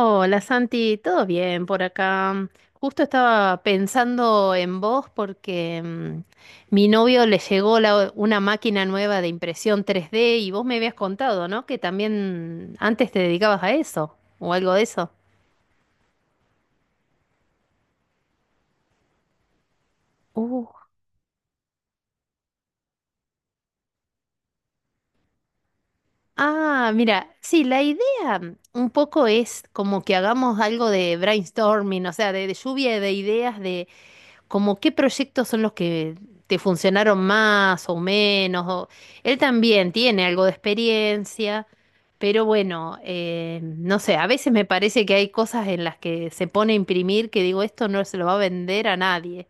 Hola Santi, ¿todo bien por acá? Justo estaba pensando en vos porque mi novio le llegó una máquina nueva de impresión 3D, y vos me habías contado, ¿no? Que también antes te dedicabas a eso o algo de eso. Uh, ah, mira, sí, la idea, un poco es como que hagamos algo de brainstorming, o sea, de lluvia de ideas, como qué proyectos son los que te funcionaron más o menos. Él también tiene algo de experiencia, pero bueno, no sé, a veces me parece que hay cosas en las que se pone a imprimir que digo, esto no se lo va a vender a nadie.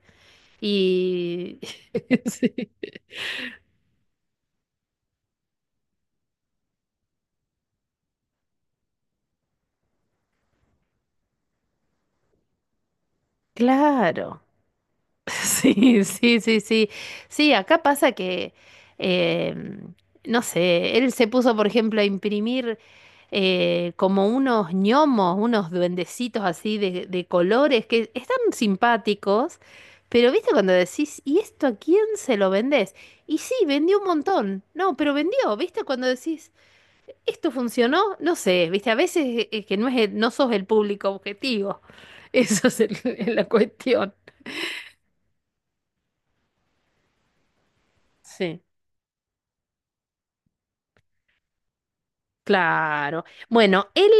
Y. Sí. Claro. Sí, sí, sí, sí. Sí, acá pasa que, eh, no sé, él se puso, por ejemplo, a imprimir, como unos gnomos, unos duendecitos así de colores, que están simpáticos, pero viste cuando decís, ¿y esto a quién se lo vendés? Y sí, vendió un montón. No, pero vendió, viste cuando decís, ¿esto funcionó? No sé, viste, a veces que no es, no sos el público objetivo. Eso es la cuestión. Sí. Claro. Bueno, él,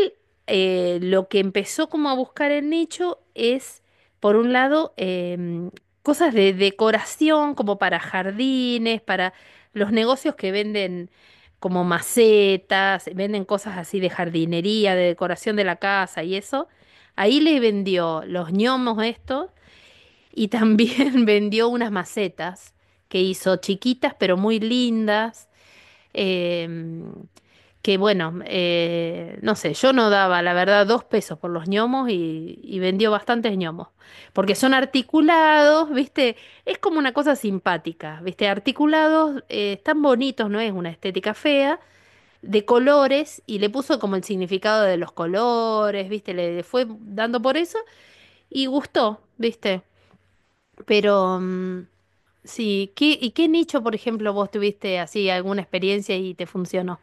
lo que empezó como a buscar el nicho es, por un lado, cosas de decoración, como para jardines, para los negocios que venden como macetas, venden cosas así de jardinería, de decoración de la casa y eso. Ahí le vendió los ñomos estos, y también vendió unas macetas que hizo chiquitas pero muy lindas. em, que bueno, no sé, yo no daba, la verdad, dos pesos por los gnomos, y vendió bastantes gnomos. Porque son articulados, ¿viste? Es como una cosa simpática, ¿viste? Articulados, están bonitos, no es una estética fea, de colores, y le puso como el significado de los colores, ¿viste? Le fue dando por eso y gustó, ¿viste? Pero, sí, ¿qué, y qué nicho, por ejemplo, vos tuviste así alguna experiencia y te funcionó?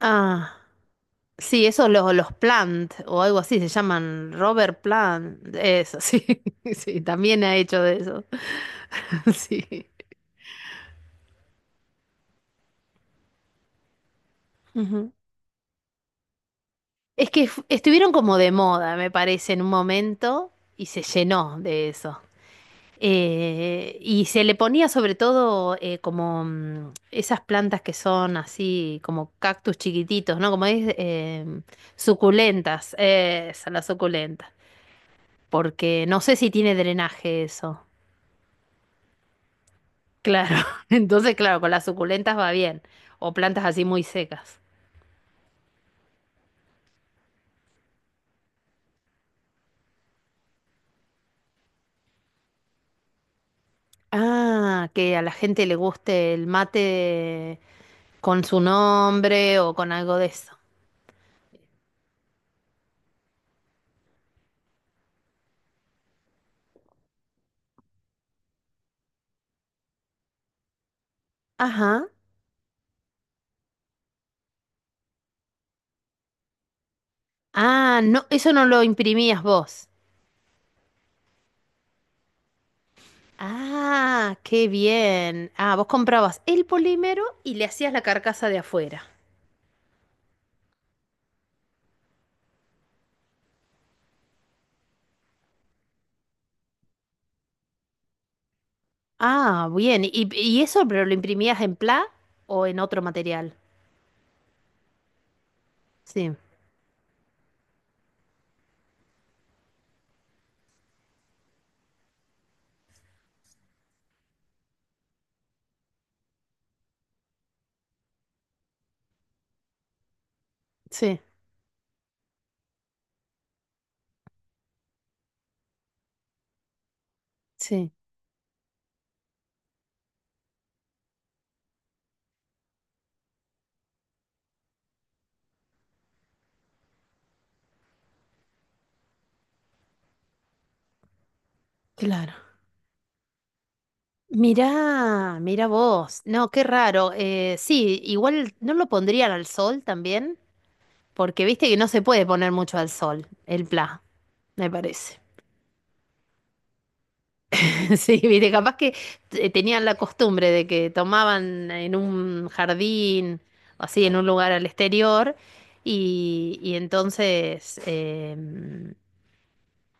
Ah. Sí, eso los Plant o algo así se llaman, Robert Plant, eso sí, sí, también ha hecho de eso, sí. Ujú. Es que estuvieron como de moda, me parece, en un momento y se llenó de eso. Y se le ponía sobre todo, como, esas plantas que son así como cactus chiquititos, ¿no? Como es, suculentas, esa, la suculenta, porque no sé si tiene drenaje eso. Claro, entonces claro, con las suculentas va bien, o plantas así muy secas. Ah, que a la gente le guste el mate con su nombre o con algo de eso. Ajá. Ah, no, eso no lo imprimías vos. Ah, qué bien. Ah, vos comprabas el polímero y le hacías la carcasa de afuera. Ah, bien. ¿Y eso, pero lo imprimías en PLA o en otro material? Sí, sí, sí, claro. Mirá, mirá vos. No, qué raro. Sí, igual no lo pondrían al sol también, porque viste que no se puede poner mucho al sol, el PLA, me parece. Sí, viste, capaz que, tenían la costumbre de que tomaban en un jardín o así, en un lugar al exterior, y entonces,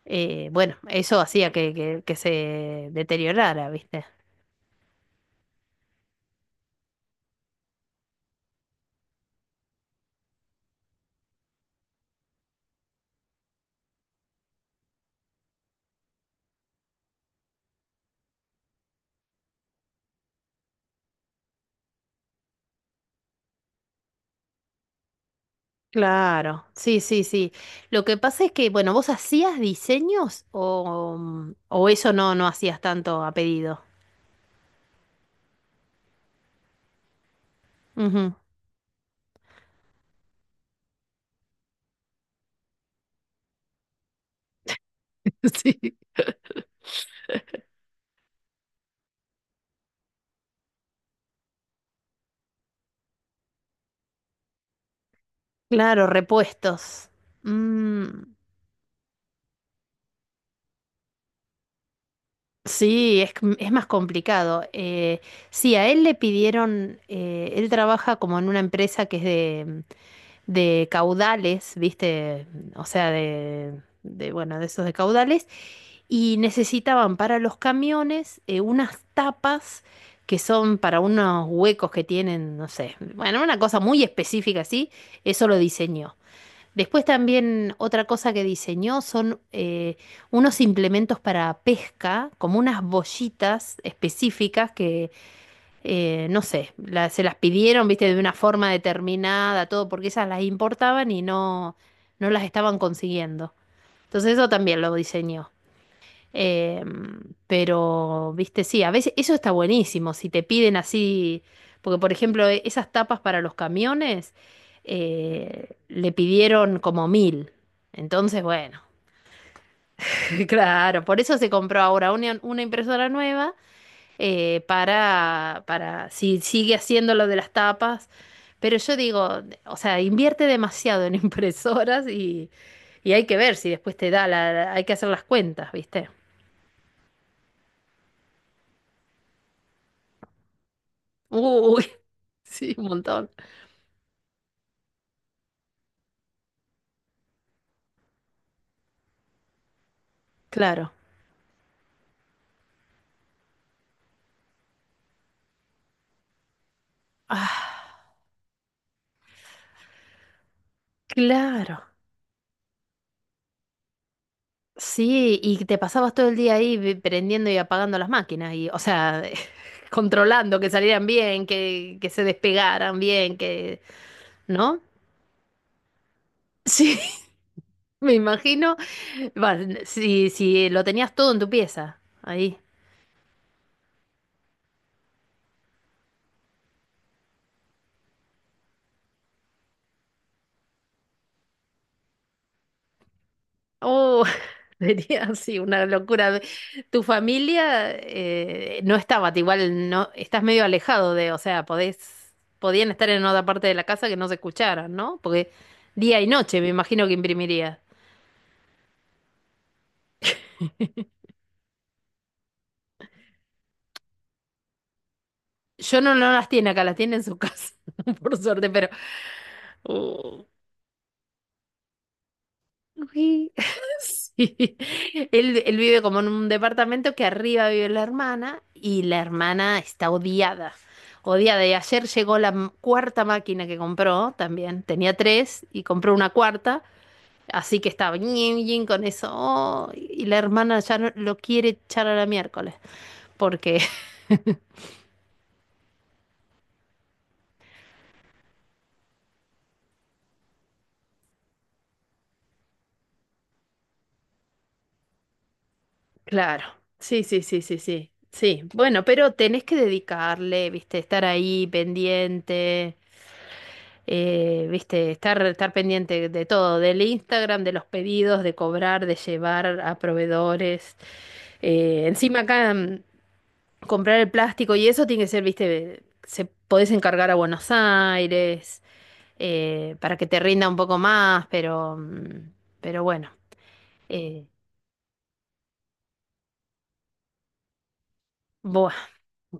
bueno, eso hacía que, que se deteriorara, viste. Claro, sí, sí, sí. Lo que pasa es que, bueno, ¿vos hacías diseños o, o eso no, no hacías tanto a pedido? Ujú. Sí. Claro, repuestos. Mm, sí, es, es más complicado. Sí, a él le pidieron, él trabaja como en una empresa que es de caudales, ¿viste? O sea, de, bueno, de esos de caudales. Y necesitaban para los camiones, unas tapas que son para unos huecos que tienen, no sé, bueno, una cosa muy específica así, eso lo diseñó. Después también otra cosa que diseñó son, unos implementos para pesca, como unas bollitas específicas que, no sé, se las pidieron, viste, de una forma determinada, todo, porque esas las importaban y no, no las estaban consiguiendo. Entonces eso también lo diseñó. Eh, pero, viste, sí, a veces eso está buenísimo, si te piden así, porque por ejemplo, esas tapas para los camiones, le pidieron como 1000. Entonces, bueno, claro, por eso se compró ahora una impresora nueva, para, si sigue haciendo lo de las tapas. Pero yo digo, o sea, invierte demasiado en impresoras, y hay que ver si después te da la, hay que hacer las cuentas, ¿viste? Uy, sí, un montón. Claro. Ah, claro. Sí, y te pasabas todo el día ahí, prendiendo y apagando las máquinas y, o sea, controlando que salieran bien, que se despegaran bien, que, ¿no? Sí, me imagino. Va, si lo tenías todo en tu pieza, ahí. Oh, sería así una locura. Tu familia, no estaba, igual no, estás medio alejado de, o sea, podés, podían estar en otra parte de la casa que no se escucharan, ¿no? Porque día y noche me imagino que imprimiría. Yo no, no las tiene acá, las tiene en su casa, por suerte, pero uh, uy, sí. Él vive como en un departamento, que arriba vive la hermana, y la hermana está odiada. Odiada. Y ayer llegó la cuarta máquina que compró también. Tenía tres y compró una cuarta. Así que estaba ñin, ñin con eso. Oh, y la hermana ya no, lo quiere echar a la miércoles. Porque, claro. Sí, sí, sí, sí, sí. Sí. Bueno, pero tenés que dedicarle, viste, estar ahí pendiente. Viste, estar pendiente de todo, del Instagram, de los pedidos, de cobrar, de llevar a proveedores. Encima acá, comprar el plástico, y eso tiene que ser, viste, se podés encargar a Buenos Aires, para que te rinda un poco más, pero, pero bueno. eh, Buah.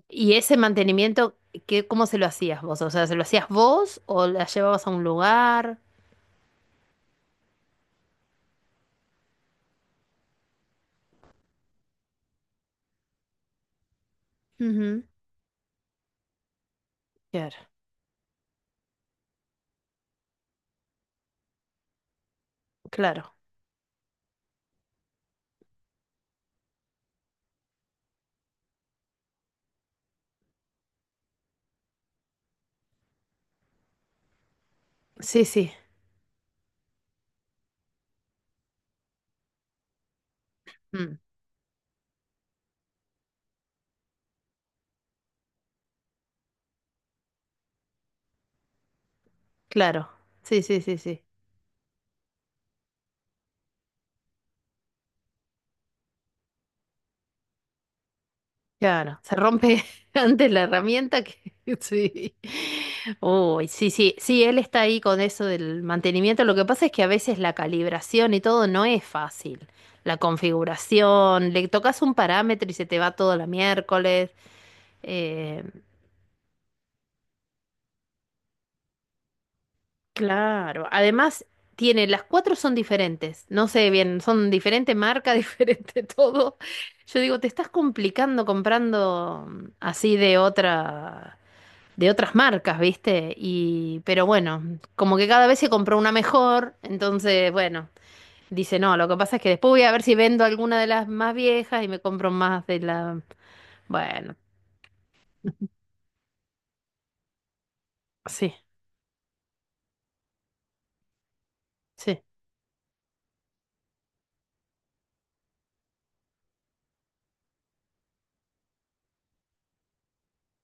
Y ese mantenimiento, ¿qué, cómo se lo hacías vos? O sea, ¿se lo hacías vos o la llevabas a un lugar? Ujú. Claro, claro. Sí, sí. Mm. Claro, sí, sí, sí, sí. Claro, se rompe antes la herramienta que. Sí. Uy, sí, sí, sí, él está ahí con eso del mantenimiento. Lo que pasa es que a veces la calibración y todo no es fácil. La configuración, le tocas un parámetro y se te va todo la miércoles. Eh, claro, además tiene, las cuatro son diferentes. No sé bien, son diferente marca, diferente todo. Yo digo, te estás complicando comprando, así de otra, de otras marcas, ¿viste? Y, pero bueno, como que cada vez se compró una mejor, entonces, bueno, dice, no, lo que pasa es que después voy a ver si vendo alguna de las más viejas y me compro más de la. Bueno, sí, sí,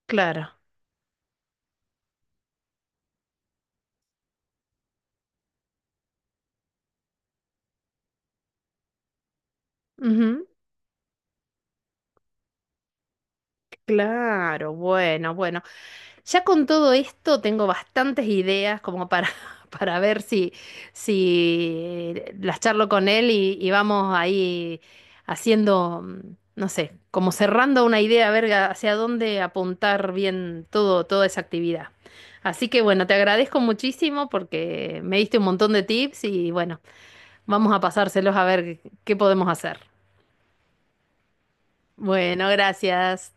claro. Claro, bueno, bueno. Ya con todo esto tengo bastantes ideas como para, para ver si, si las charlo con él, y vamos ahí haciendo, no sé, como cerrando una idea, a ver hacia dónde apuntar bien todo, toda esa actividad. Así que bueno, te agradezco muchísimo porque me diste un montón de tips, y bueno, vamos a pasárselos a ver qué podemos hacer. Bueno, gracias.